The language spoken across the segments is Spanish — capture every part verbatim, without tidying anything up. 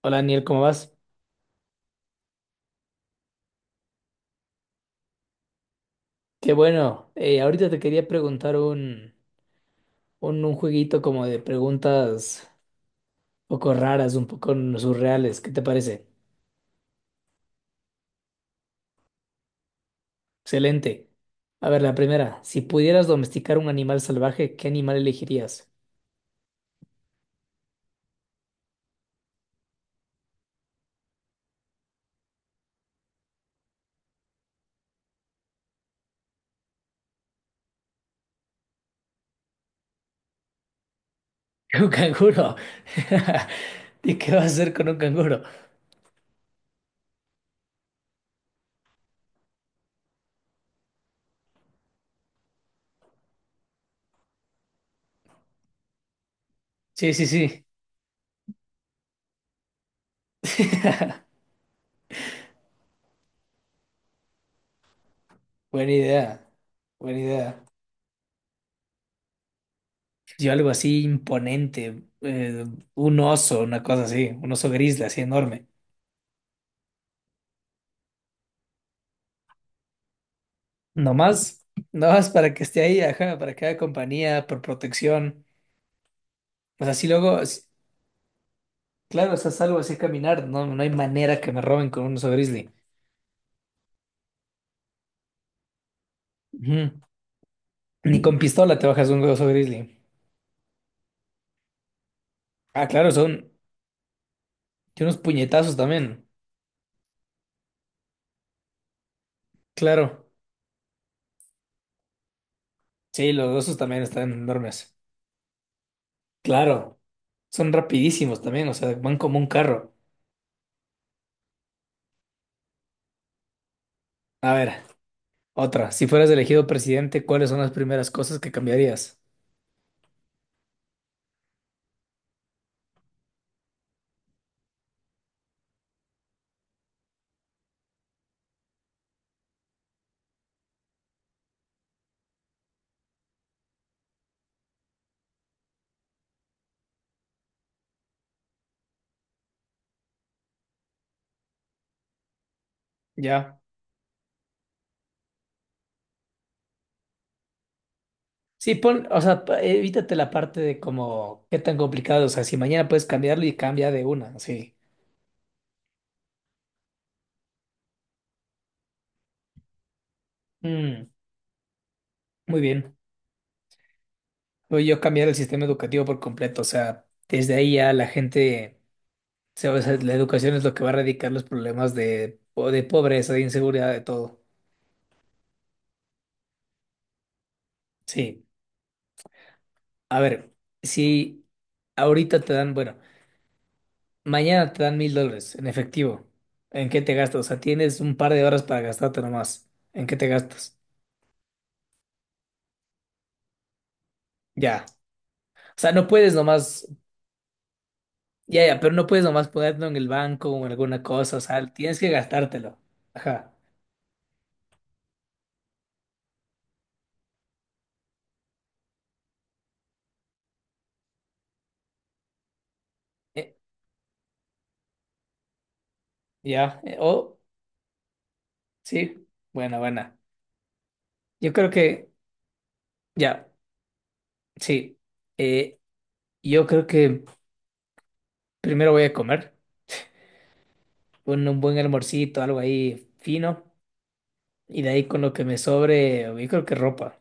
Hola Daniel, ¿cómo vas? Qué bueno. eh, ahorita te quería preguntar un, un, un jueguito como de preguntas un poco raras, un poco surreales. ¿Qué te parece? Excelente. A ver, la primera. Si pudieras domesticar un animal salvaje, ¿qué animal elegirías? Un canguro. ¿Y qué vas a hacer con un canguro? Sí, sí, sí. Buena idea. Buena idea. Yo algo así imponente. eh, un oso, una cosa así. Un oso grizzly, así enorme. Nomás, nomás para que esté ahí, ajá, para que haga compañía, por protección. O sea, si luego, si- claro, estás salvo así a caminar, no, no hay manera que me roben con un oso grizzly. Ujú. Ni con pistola te bajas un oso grizzly. Ah, claro, son tiene unos puñetazos también. Claro. Sí, los osos también están enormes. Claro. Son rapidísimos también, o sea, van como un carro. A ver, otra. Si fueras elegido presidente, ¿cuáles son las primeras cosas que cambiarías? Ya. Sí, pon, o sea, pa- evítate la parte de como qué tan complicado, o sea, si mañana puedes cambiarlo y cambia de una, sí. Mm, muy bien. Voy yo a cambiar el sistema educativo por completo, o sea, desde ahí ya la gente, se- o sea, la educación es lo que va a erradicar los problemas de, po- de pobreza, de inseguridad, de todo. Sí, a ver, si ahorita te dan, bueno, mañana te dan mil dólares en efectivo, ¿en qué te gastas? O sea, tienes un par de horas para gastarte nomás, ¿en qué te gastas? Ya. O sea, no puedes nomás. Ya, ya, pero no puedes nomás ponerlo en el banco o en alguna cosa, o sea, tienes que gastártelo. Ajá. Eh, ya, eh, oh, sí, buena, buena. Yo creo que, ya, sí. Eh, yo creo que primero voy a comer un, un buen almorcito, algo ahí fino, y de ahí con lo que me sobre, yo creo que ropa.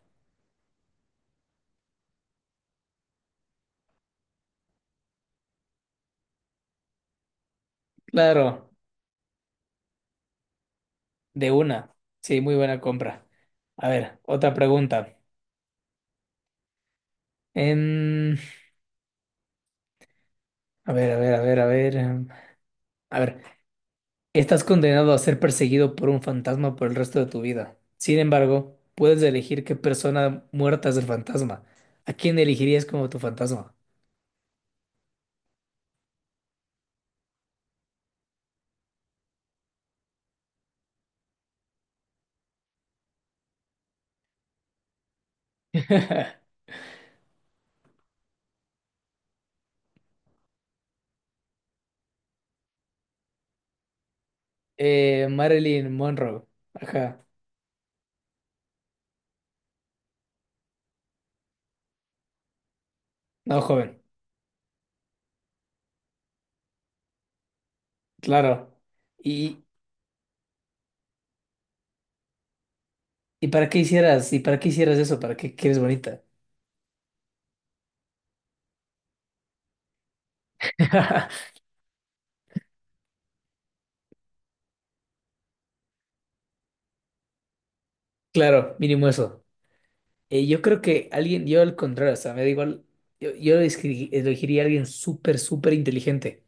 Claro, de una. Sí, muy buena compra. A ver, otra pregunta. Em, a ver, a ver, a ver, a ver. em, A ver. Estás condenado a ser perseguido por un fantasma por el resto de tu vida. Sin embargo, puedes elegir qué persona muerta es el fantasma. ¿A quién elegirías como tu fantasma? Eh, Marilyn Monroe. Ajá. No, joven. Claro. ¿Y, y para qué hicieras? ¿Y para qué hicieras eso? ¿Para qué quieres bonita? Claro, mínimo eso. Eh, yo creo que alguien, yo al contrario, o sea, me da igual, yo, yo escri- elegiría a alguien súper, súper inteligente.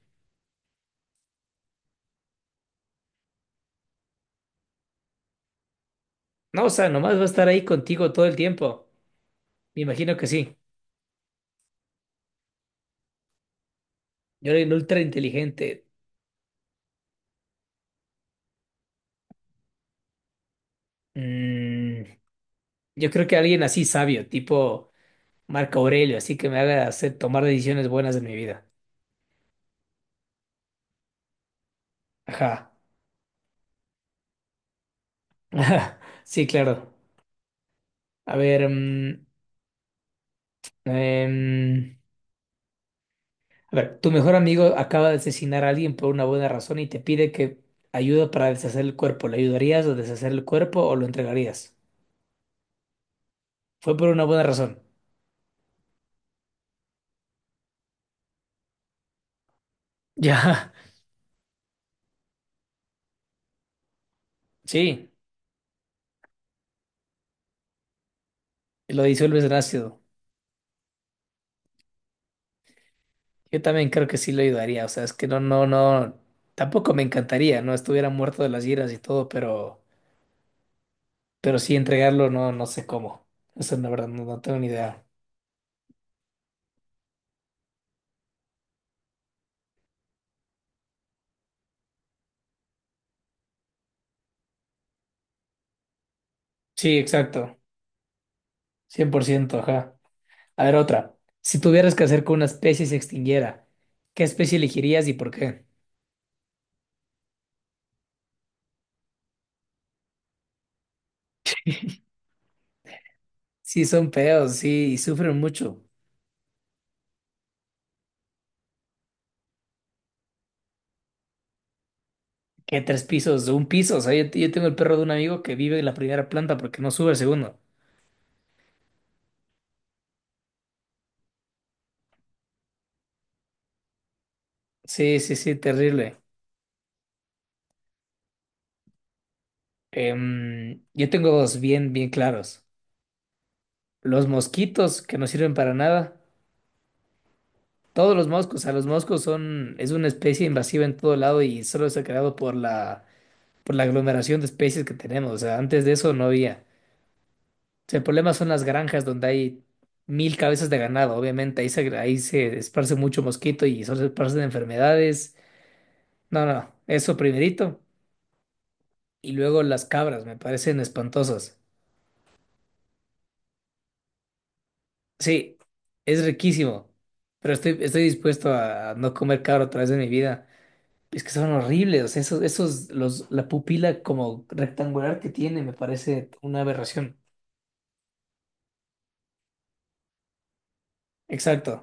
No, o sea, nomás va a estar ahí contigo todo el tiempo. Me imagino que sí. Yo era el ultra inteligente. Mm, yo creo que alguien así sabio, tipo Marco Aurelio, así que me haga hacer tomar decisiones buenas en mi vida. Ajá. Ajá. Sí, claro. A ver, mm, em, a ver, tu mejor amigo acaba de asesinar a alguien por una buena razón y te pide que ayuda para deshacer el cuerpo. ¿Le ayudarías a deshacer el cuerpo o lo entregarías? Fue por una buena razón. Ya. Sí, lo disuelves en ácido. Yo también creo que sí lo ayudaría, o sea, es que no, no, no, tampoco me encantaría, ¿no? Estuviera muerto de las giras y todo, pero, pero, sí entregarlo, no, no sé cómo. Eso la verdad no, no tengo ni idea. Sí, exacto, cien por ciento, ajá. A ver, otra. Si tuvieras que hacer que una especie se extinguiera, ¿qué especie elegirías y por qué? Sí, son feos, sí, y sufren mucho. ¿Qué tres pisos, un piso, o sea, yo, yo tengo el perro de un amigo que vive en la primera planta porque no sube al segundo. Sí, sí, sí, terrible. Em, yo tengo dos bien, bien claros. Los mosquitos, que no sirven para nada. Todos los moscos, o sea, los moscos son, es una especie invasiva en todo lado y solo se ha creado por la, por la, aglomeración de especies que tenemos. O sea, antes de eso no había. O sea, el problema son las granjas donde hay mil cabezas de ganado. Obviamente ahí se, ahí se esparce mucho mosquito y solo se esparcen enfermedades. No, no, eso primerito. Y luego las cabras, me parecen espantosas. Sí, es riquísimo, pero estoy, estoy dispuesto a no comer cabra otra vez en mi vida. Es que son horribles, o sea, esos, esos, los, la pupila como rectangular que tiene me parece una aberración. Exacto.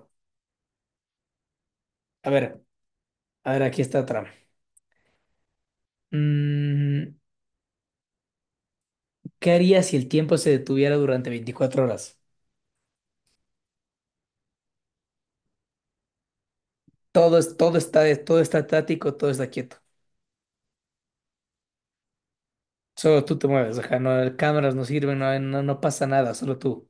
A ver, a ver, aquí está otra. Mm, ¿qué harías si el tiempo se detuviera durante veinticuatro horas? Todo, es- todo está, todo está estático, todo está quieto. Solo tú te mueves, o sea, no, cámaras no sirven, no, no, no pasa nada, solo tú.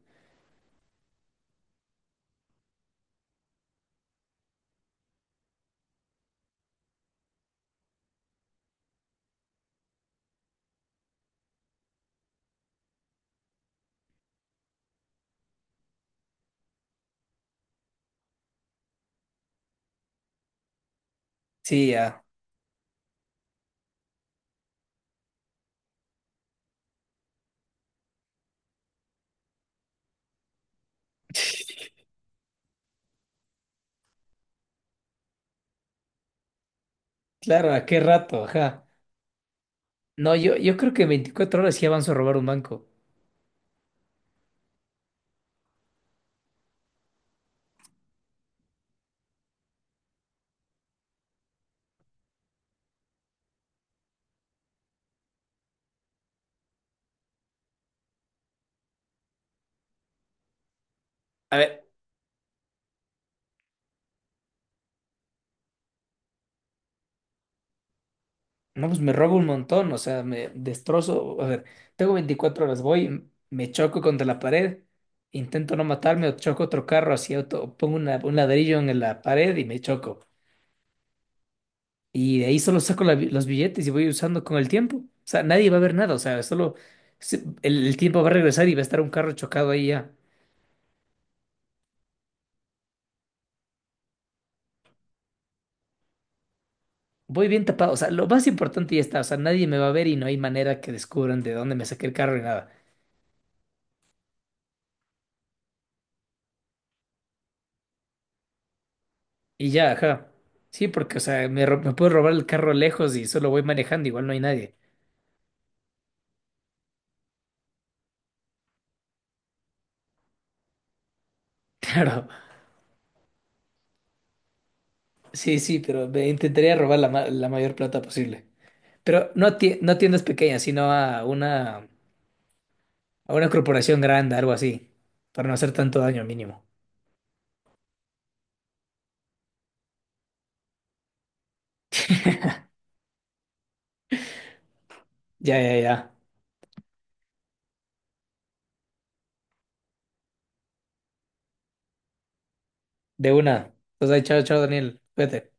Sí, ya. Claro, ¿a qué rato? Ajá. No, yo, yo creo que en 24 horas sí avanzo a robar un banco. A ver, no, pues me robo un montón, o sea, me destrozo. A ver, tengo veinticuatro horas, voy, me choco contra la pared, intento no matarme o choco otro carro así, auto, o pongo una- un ladrillo en la pared y me choco. Y de ahí solo saco la bi- los billetes y voy usando con el tiempo. O sea, nadie va a ver nada, o sea, solo se- el, el tiempo va a regresar y va a estar un carro chocado ahí ya. Voy bien tapado, o sea, lo más importante ya está, o sea, nadie me va a ver y no hay manera que descubran de dónde me saqué el carro ni nada. Y ya, ajá. Sí, porque, o sea, me, ro- me puedo robar el carro lejos y solo voy manejando, igual no hay nadie. Claro, sí, sí, pero me intentaría robar la, ma- la mayor plata posible. Pero no, a tie- no a tiendas pequeñas, sino a una, a una, corporación grande, algo así, para no hacer tanto daño mínimo. Ya, ya, ya. De una. Pues ahí, chao, chao, Daniel. Cuídate.